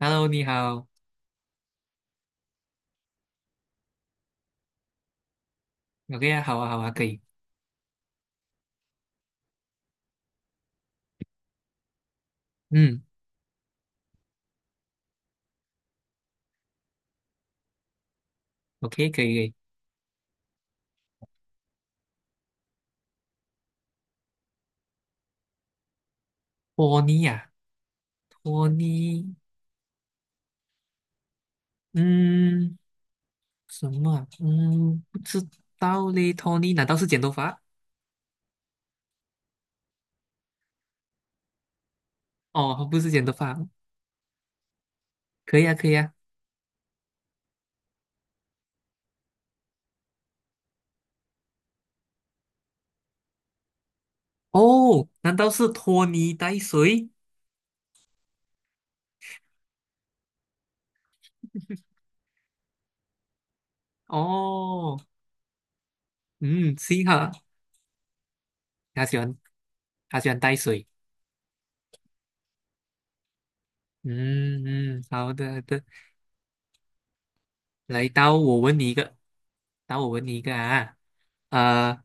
Hello，你好。OK 啊，好啊，好啊，可以。嗯，OK，可以，可以。托尼呀、托尼，嗯，什么啊？嗯，不知道嘞。托尼难道是剪头发？哦，不是剪头发，可以啊，可以啊。哦，难道是托尼带水？哦，嗯，幸哈，他喜欢，他喜欢带水。嗯嗯，好的，好的来到我问你一个，到我问你一个啊，呃，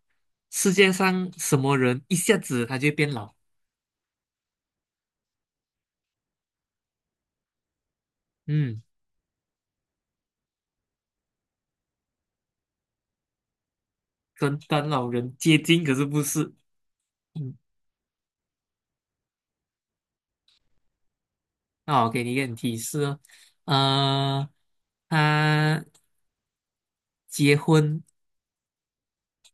世界上什么人一下子他就变老？嗯，跟当老人接近，可是不是。嗯，那我给你一点提示哦，呃，他结婚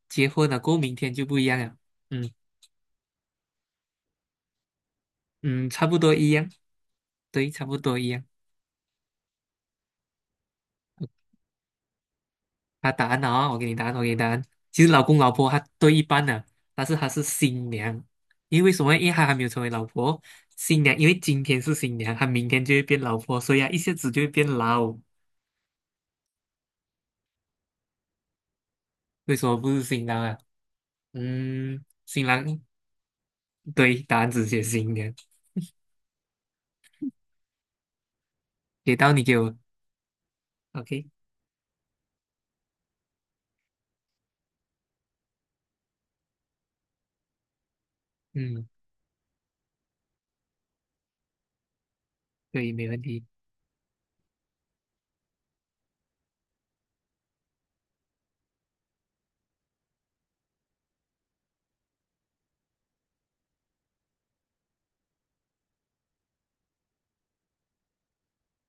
结婚了，过后明天就不一样了。嗯嗯，差不多一样，对，差不多一样。他答案啊、我给你答案，我给你答案。其实老公老婆他对一半的，但是他是新娘，因为为什么？因为他还没有成为老婆，新娘，因为今天是新娘，他明天就会变老婆，所以啊，一下子就会变老。为什么不是新郎啊？嗯，新郎，对，答案只写新娘，给到你给我，OK,嗯，对，没问题。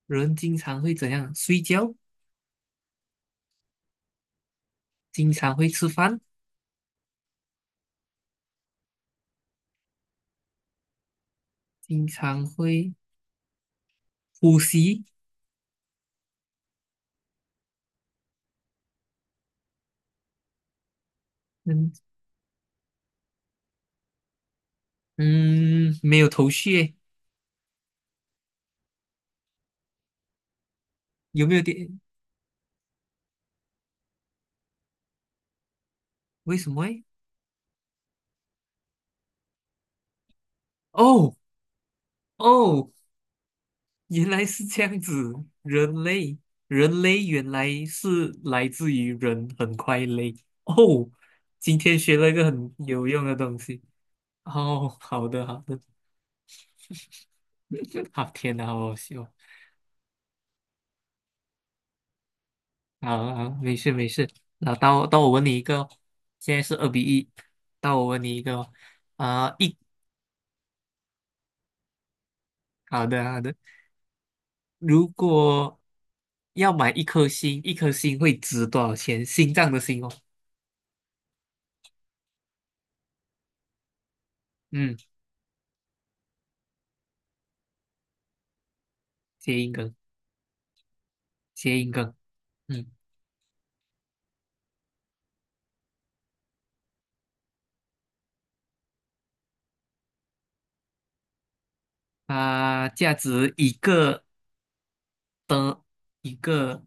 人经常会怎样？睡觉，经常会吃饭，经常会呼吸，嗯嗯，没有头绪耶有没有点？为什么诶？哦哦，原来是这样子。人类，人类原来是来自于人很快乐。哦，今天学了一个很有用的东西。哦，好的好的，好天哪，好好笑。好好，没事没事。那到我问你一个哦，现在是2-1。到我问你一个哦，啊、一好的好的。如果要买一颗心，一颗心会值多少钱？心脏的心哦。嗯。谐音梗，谐音梗，嗯，它价值一个的，一个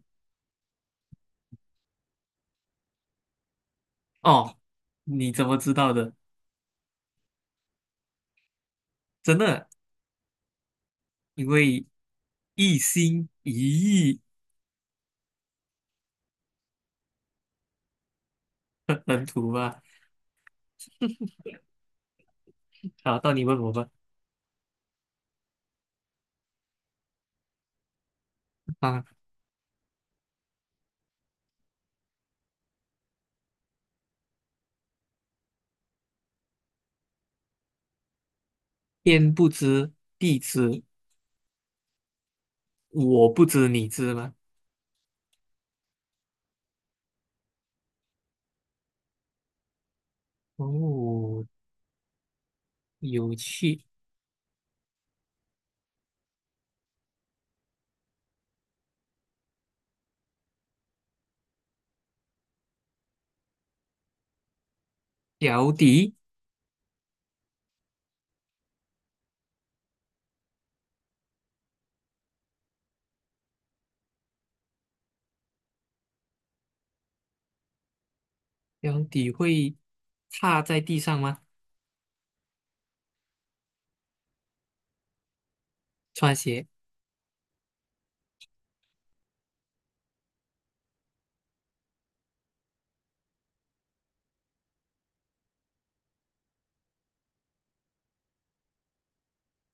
哦，你怎么知道的？真的，因为一心一意 很土吧。好，到你问我吧。啊，天不知地知，我不知你知吗？哦，有趣。脚底，脚底会踏在地上吗？穿鞋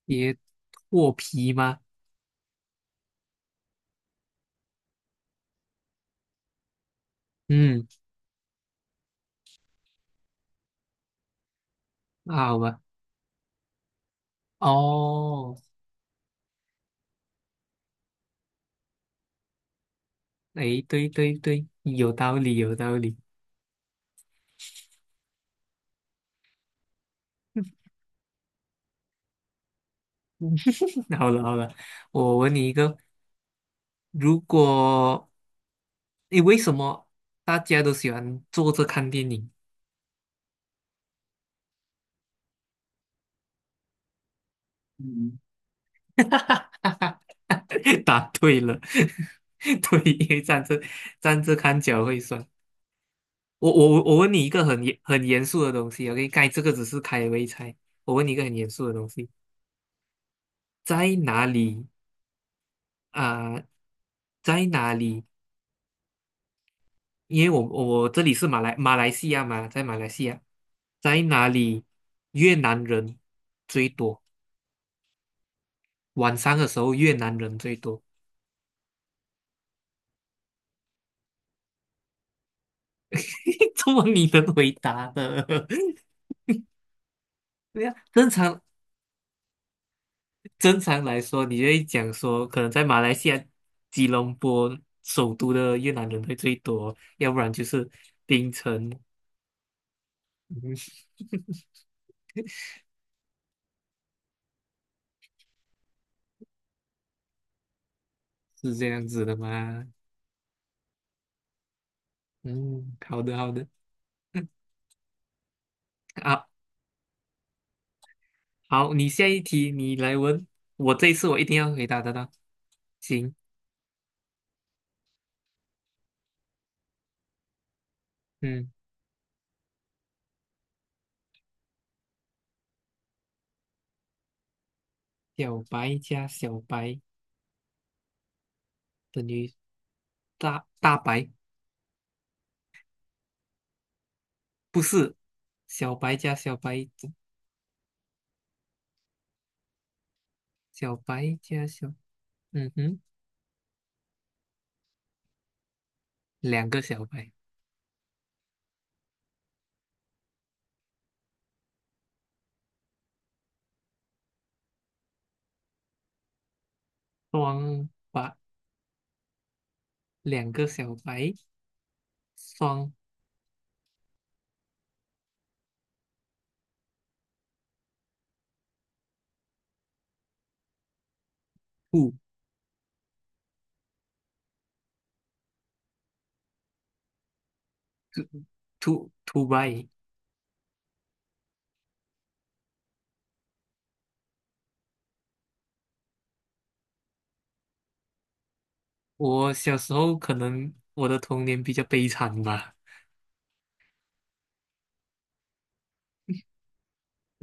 也脱皮吗？嗯，那好吧。哦，哎，对对对，有道理，有道理。嗯 好了好了，我问你一个，如果，哎，为什么大家都喜欢坐着看电影？嗯，答对了，对，因为站着站着看脚会酸。我问你一个很严肃的东西，OK,该这个只是开胃菜。我问你一个很严肃的东西，在哪里啊、在哪里因为我我这里是马来西亚嘛，在马来西亚，在哪里越南人最多？晚上的时候越南人最多，这么你能回答的？对呀，正常正常来说，你就会讲说，可能在马来西亚吉隆坡首都的越南人会最多，要不然就是槟城，嗯，是这样子的吗？嗯，好的好的啊，好，你下一题你来问，我这一次我一定要回答得到。行，嗯，小白加小白等于大大白，不是，小白加小白等小白加小，嗯哼，两个小白，双白，两个小白，双兔兔兔兔白。我小时候可能我的童年比较悲惨吧，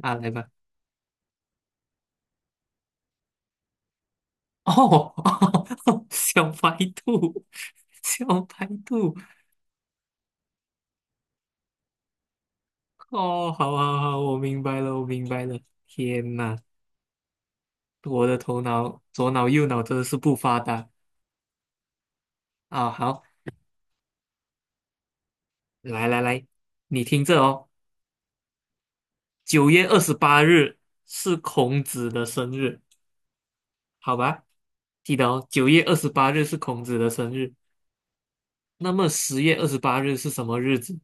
啊，来吧，哦，小白兔，小白兔，哦，好好好，我明白了，我明白了，天哪！我的头脑左脑右脑真的是不发达啊！好，来来来，你听着哦，九月二十八日是孔子的生日，好吧？记得哦，九月二十八日是孔子的生日。那么10月28日是什么日子？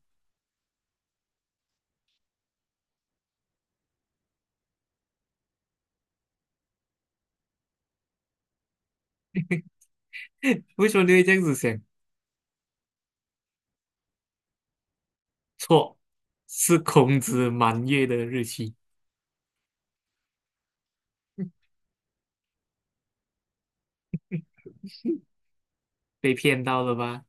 为什么你会这样子想？错，是孔子满月的日期。被骗到了吧？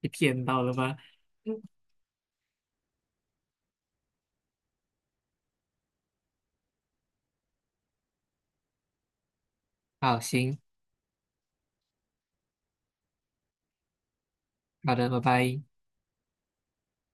被骗到了吧？好，行，好的，拜拜。